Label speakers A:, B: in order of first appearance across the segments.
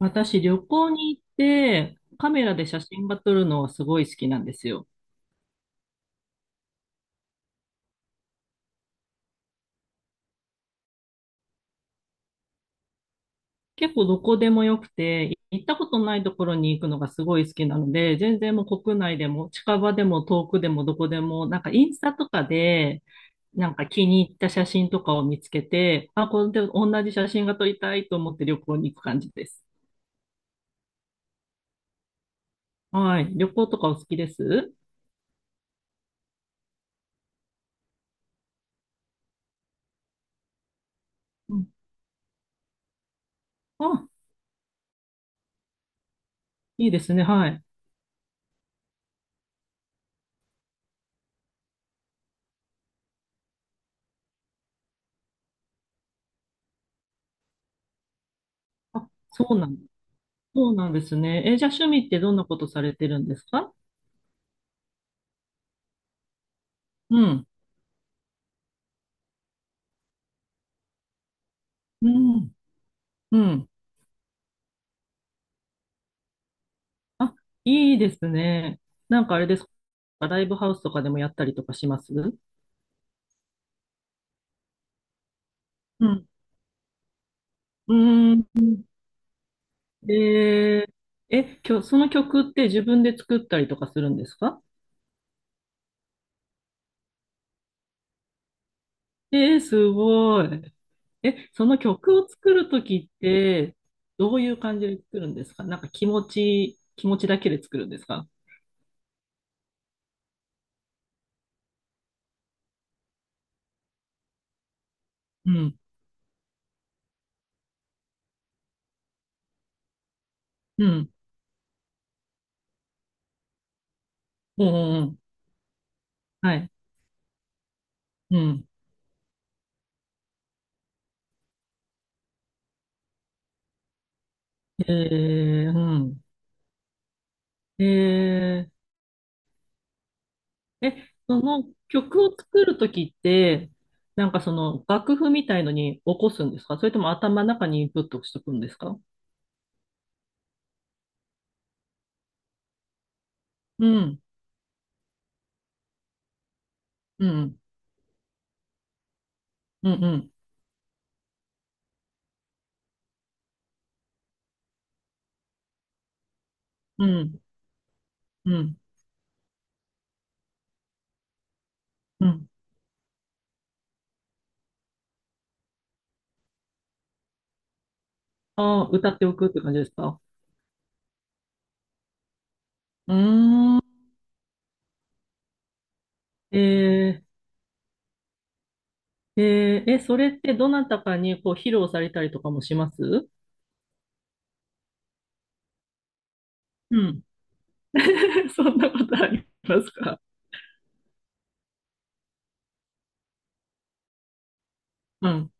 A: 私、旅行に行って、カメラで写真が撮るのはすごい好きなんですよ。結構どこでもよくて、行ったことないところに行くのがすごい好きなので、全然もう国内でも近場でも遠くでもどこでも、インスタとかで、気に入った写真とかを見つけて、あ、これで同じ写真が撮りたいと思って旅行に行く感じです。はい。旅行とかお好きですうん。あ、いいですね。はい。あ、そうなんですね。え、じゃあ趣味ってどんなことされてるんですかうん、うん、うん。あ、いいですね。あれですか、ライブハウスとかでもやったりとかしますうん。うーん。えー、え、その曲って自分で作ったりとかするんですかえー、すごい。え、その曲を作るときって、どういう感じで作るんですか気持ちだけで作るんですかうん、うん、うん、うん、うんはい、うん。えー、うん。えーえ、その曲を作るときって、その楽譜みたいのに起こすんですかそれとも頭の中にインプットしておくんですかうん、うん、うん、うん、うん、うん、うん。ああ、歌っておくって感じですかうーん。えー、えーえ、それってどなたかにこう披露されたりとかもしますうん。そんなことありますかうん。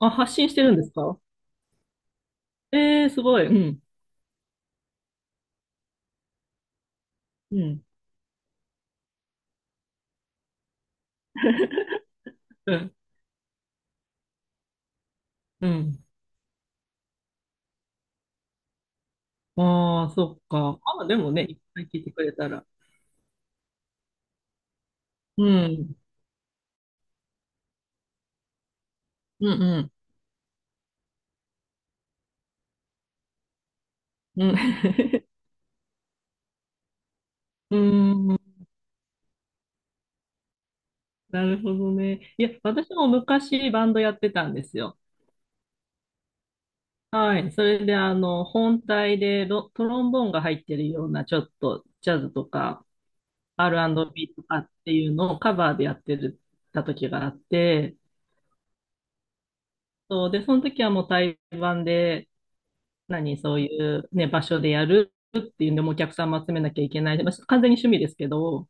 A: あ、発信してるんですかえー、すごい。うん、うん、うん、うん。ああ、そっか。あ、でもね、いっぱい聞いてくれたら。うん。うんうん。うん。うーん。なるほどね。いや、私も昔バンドやってたんですよ。はい。それで、あの、本体でトロンボーンが入ってるような、ちょっとジャズとか R&B とかっていうのをカバーでやってた時があって、そうで、その時はもう対バンで、何、そういうね、場所でやるっていうんで、もうお客さんも集めなきゃいけない。まあ完全に趣味ですけど、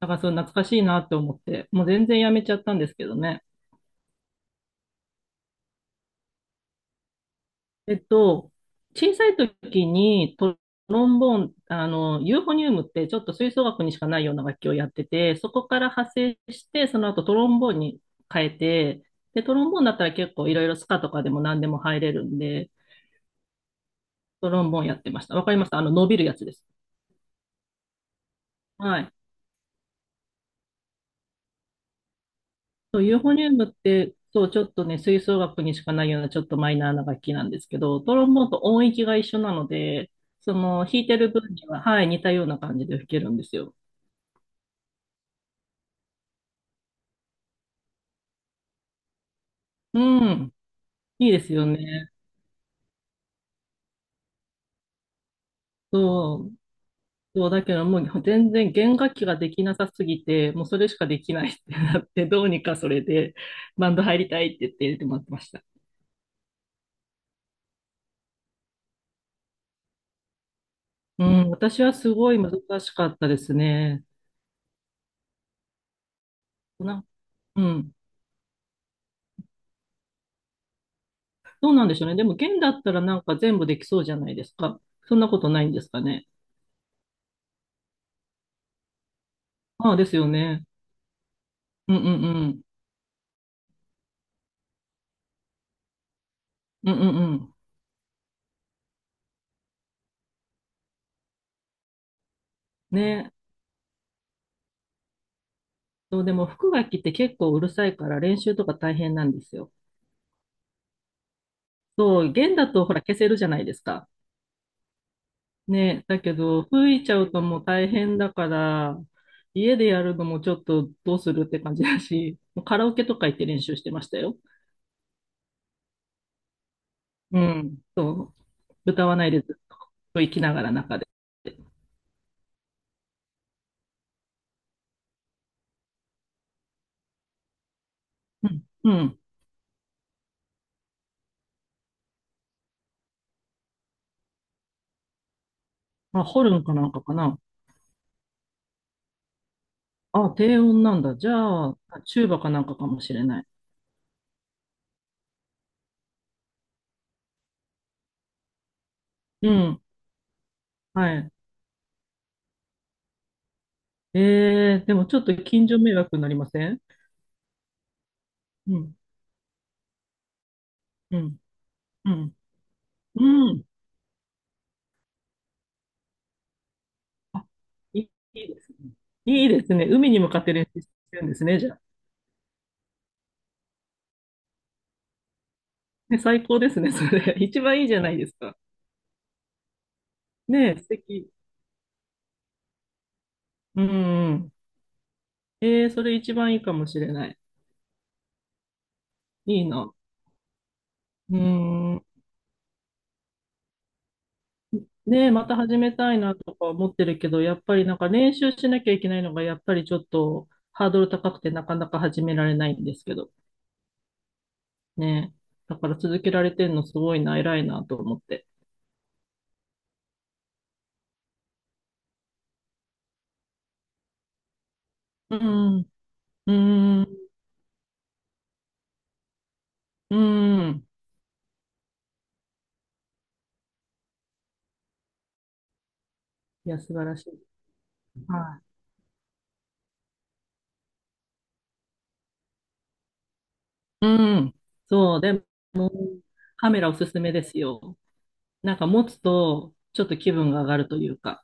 A: なんかそう懐かしいなって思って、もう全然やめちゃったんですけどね。えっと、小さい時にトロンボーン、あの、ユーフォニウムってちょっと吹奏楽にしかないような楽器をやってて、そこから派生して、その後トロンボーンに変えて、で、トロンボーンだったら結構いろいろスカとかでも何でも入れるんで、トロンボーンやってました。わかりました。あの、伸びるやつです。はい。そう、ユーフォニウムって、そう、ちょっとね、吹奏楽にしかないようなちょっとマイナーな楽器なんですけど、トロンボーンと音域が一緒なので、その弾いてる分には、はい、似たような感じで吹けるんですよ。うん、いいですよね。そう、そう、だけどもう全然弦楽器ができなさすぎて、もうそれしかできないってなって、どうにかそれでバンド入りたいって言って入れてもらってました。うん、私はすごい難しかったですね。な、うん。どうなんでしょうね。でも、弦だったらなんか全部できそうじゃないですか。そんなことないんですかね。ああ、ですよね。うんうんうん。うんうんうん。ね。そう、でも、副楽器って結構うるさいから練習とか大変なんですよ。そう、弦だとほら消せるじゃないですか。ね。だけど、吹いちゃうともう大変だから、家でやるのもちょっとどうするって感じだし、もうカラオケとか行って練習してましたよ。うん。歌わないでずっと生きながら中で。うん。うん。まあ、ホルンかなんかかな。あ、低音なんだ。じゃあ、チューバかなんかかもしれない。うん。はい。ええでもちょっと近所迷惑になりませんうん。うん。うん。うん。あ、いいですね。いいですね。海に向かって練習してるんですね、じゃあ。ね、最高ですね、それ。一番いいじゃないですか。ねえ、素敵。うんうん。ええそれ一番いいかもしれない。いいな。うーん。ねえ、また始めたいなとか思ってるけど、やっぱりなんか練習しなきゃいけないのが、やっぱりちょっとハードル高くてなかなか始められないんですけど、ねえ。だから続けられてんのすごいな、偉いなと思って。うん、うん、うん。いや、素晴らしい。はい。うん。そう、でも、カメラおすすめですよ。なんか持つと、ちょっと気分が上がるというか。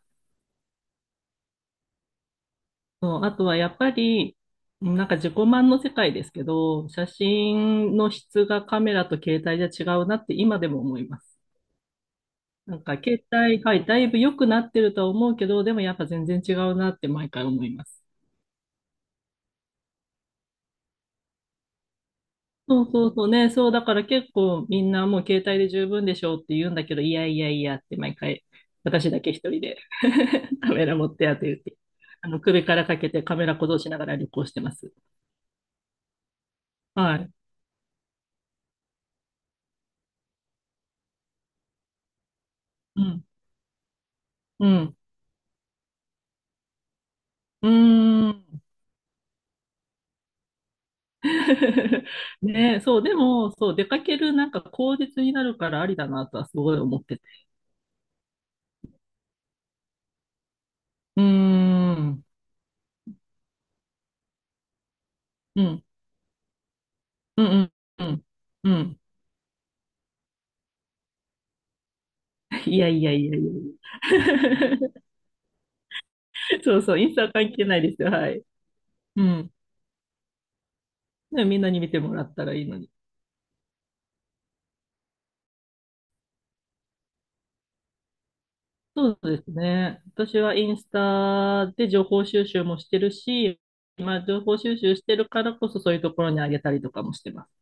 A: そう、あとはやっぱり、なんか自己満の世界ですけど、写真の質がカメラと携帯じゃ違うなって今でも思います。なんか携帯、はい、だいぶ良くなってるとは思うけど、でもやっぱ全然違うなって毎回思います。そうそうそうね、そうだから結構みんなもう携帯で十分でしょうって言うんだけど、いやいやいやって毎回私だけ一人で カメラ持ってやって言って、あの首からかけてカメラ鼓動しながら旅行してます。はい。うん。うん。うーん。ねえ、そう、でも、そう、出かけるなんか口実になるからありだなとはすごい思ってて。うーん、うん、うん、うん、うん。いやいやいやいやいや。そうそう、インスタは関係ないですよ、はい。うん。ねみんなに見てもらったらいいのに。そうですね。私はインスタで情報収集もしてるし、まあ、情報収集してるからこそそういうところにあげたりとかもしてます。